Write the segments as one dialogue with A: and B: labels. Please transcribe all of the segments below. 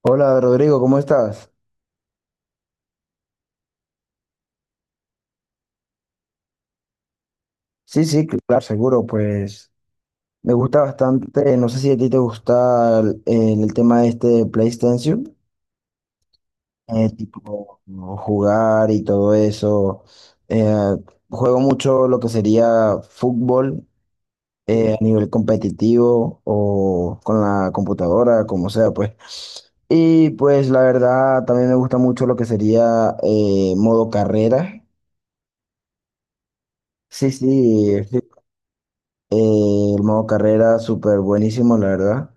A: Hola Rodrigo, ¿cómo estás? Sí, sí, claro, seguro, pues me gusta bastante, no sé si a ti te gusta el tema este de PlayStation, tipo ¿no? jugar y todo eso. Eh, Juego mucho lo que sería fútbol a nivel competitivo o con la computadora, como sea, pues. Y pues la verdad, también me gusta mucho lo que sería modo carrera. Sí, sí, El modo carrera, súper buenísimo, la verdad.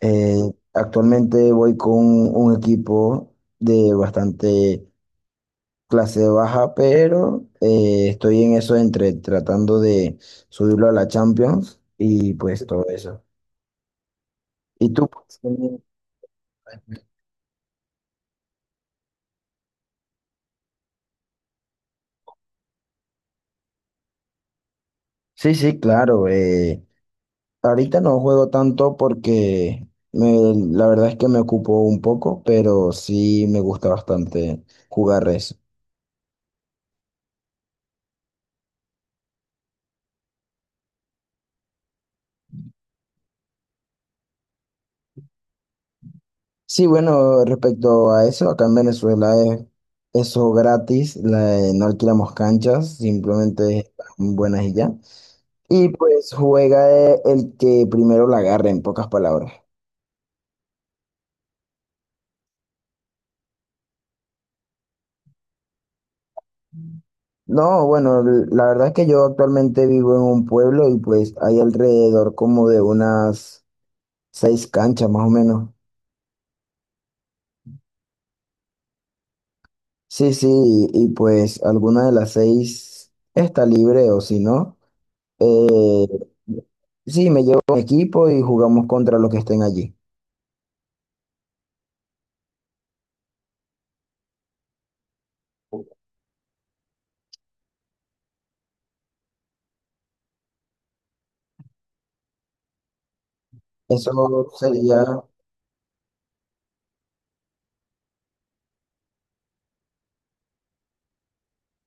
A: Eh, Actualmente voy con un equipo de bastante clase baja, pero estoy en eso entre tratando de subirlo a la Champions y pues todo eso. ¿Y tú? ¿Pues, también? Sí, sí, claro. Ahorita no juego tanto porque la verdad es que me ocupo un poco, pero sí me gusta bastante jugar eso. Sí, bueno, respecto a eso, acá en Venezuela es eso gratis, no alquilamos canchas, simplemente están buenas y ya. Y pues juega el que primero la agarre, en pocas palabras. No, bueno, la verdad es que yo actualmente vivo en un pueblo y pues hay alrededor como de unas 6 canchas más o menos. Sí, sí, y pues alguna de las 6 está libre o si no. Eh, sí, me llevo mi equipo y jugamos contra los que estén allí. Eso sería...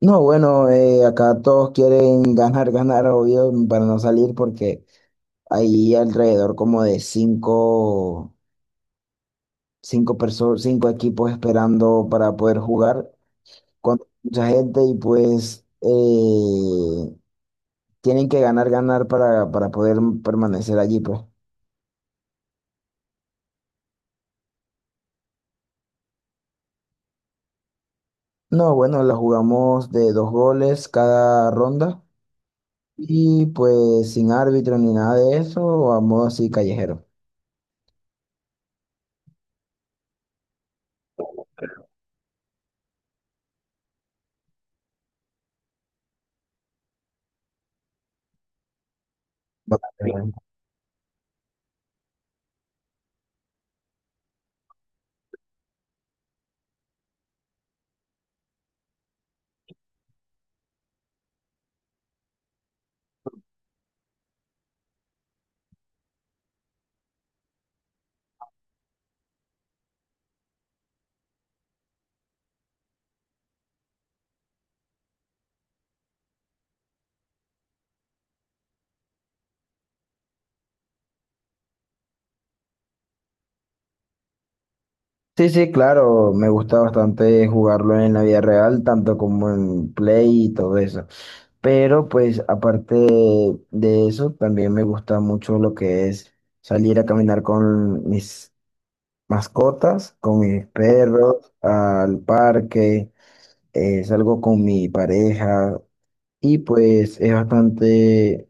A: No, bueno, acá todos quieren ganar, ganar, obvio, para no salir porque hay alrededor como de cinco personas, 5 equipos esperando para poder jugar con mucha gente y pues tienen que ganar, ganar para poder permanecer allí, pues. No, bueno, la jugamos de 2 goles cada ronda. Y pues sin árbitro ni nada de eso, a modo así callejero. Bastante bien. Sí, sí, claro, me gusta bastante jugarlo en la vida real, tanto como en Play y todo eso. Pero pues aparte de eso, también me gusta mucho lo que es salir a caminar con mis mascotas, con mis perros, al parque, salgo con mi pareja, y pues es bastante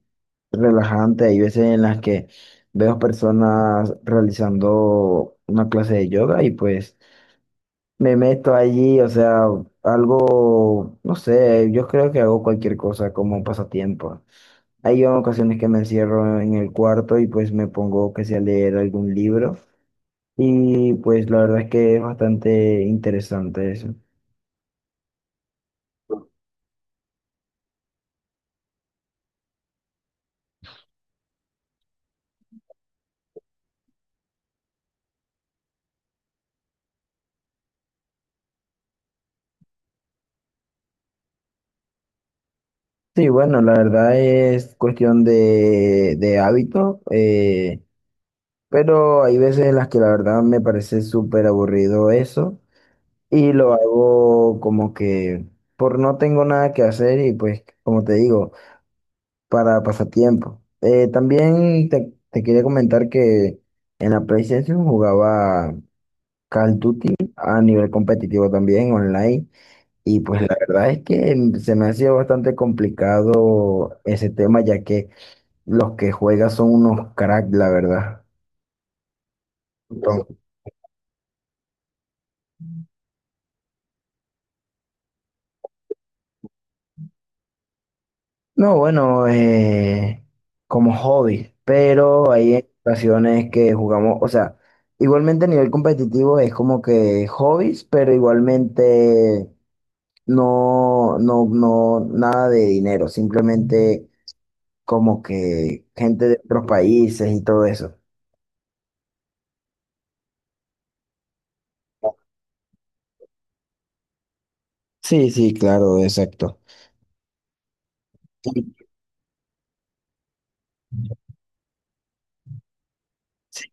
A: relajante. Hay veces en las que veo personas realizando una clase de yoga y pues me meto allí, o sea, algo, no sé, yo creo que hago cualquier cosa como un pasatiempo. Hay ocasiones que me encierro en el cuarto y pues me pongo que sea a leer algún libro y pues la verdad es que es bastante interesante eso. Sí, bueno, la verdad es cuestión de hábito. Pero hay veces en las que la verdad me parece súper aburrido eso y lo hago como que por no tengo nada que hacer y pues como te digo, para pasatiempo. También te quería comentar que en la PlayStation jugaba Call of Duty a nivel competitivo también online y pues la verdad es que se me ha sido bastante complicado ese tema ya que los que juegan son unos cracks, la verdad. No, bueno, como hobby, pero hay ocasiones que jugamos, o sea, igualmente a nivel competitivo es como que hobbies, pero igualmente no, nada de dinero, simplemente como que gente de otros países y todo eso. Sí, sí, claro, exacto. Sí,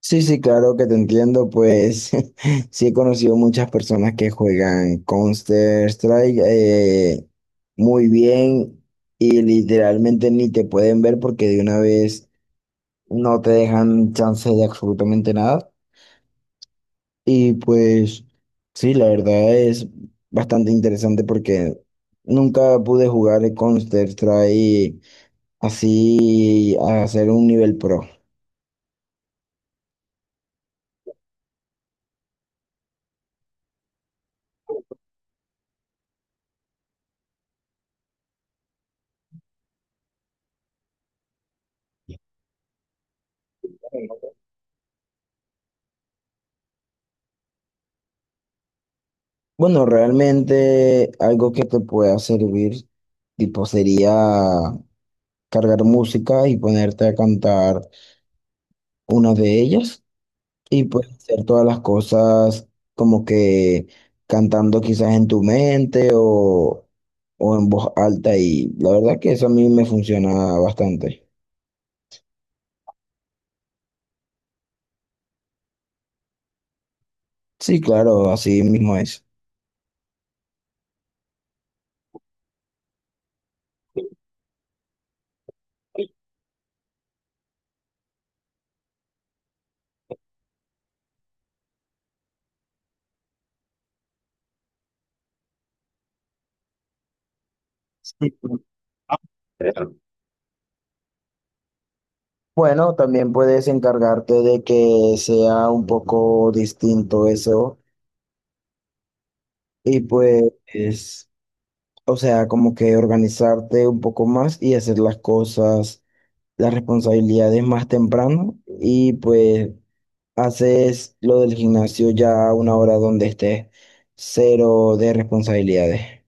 A: sí, sí, claro que te entiendo, pues sí he conocido muchas personas que juegan Counter-Strike muy bien y literalmente ni te pueden ver porque de una vez no te dejan chance de absolutamente nada. Y pues sí, la verdad es bastante interesante porque nunca pude jugar Counter-Strike así a hacer un nivel pro. Bueno, realmente algo que te pueda servir, tipo, sería cargar música y ponerte a cantar una de ellas y pues hacer todas las cosas como que cantando quizás en tu mente o en voz alta y la verdad que eso a mí me funciona bastante. Sí, claro, así mismo es. Bueno, también puedes encargarte de que sea un poco distinto eso y pues... O sea, como que organizarte un poco más y hacer las cosas, las responsabilidades más temprano y pues haces lo del gimnasio ya a una hora donde estés cero de responsabilidades.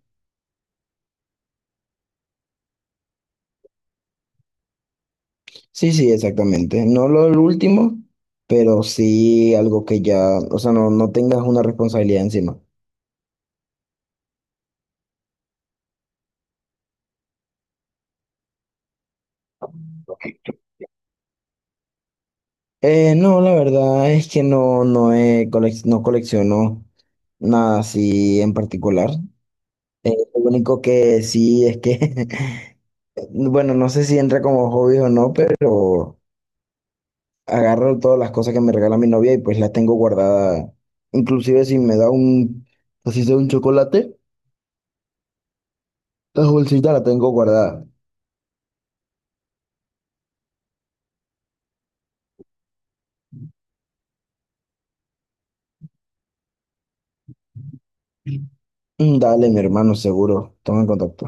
A: Sí, sí, exactamente. No lo el último, pero sí algo que ya, o sea, no tengas una responsabilidad encima. Ok. No, la verdad es que no colecciono nada así en particular. Lo único que sí es que, bueno, no sé si entra como hobby o no, pero agarro todas las cosas que me regala mi novia y pues las tengo guardadas. Inclusive si me da un, así sea un chocolate, la bolsita la tengo guardada. Mm, dale, mi hermano, seguro. Toma en contacto.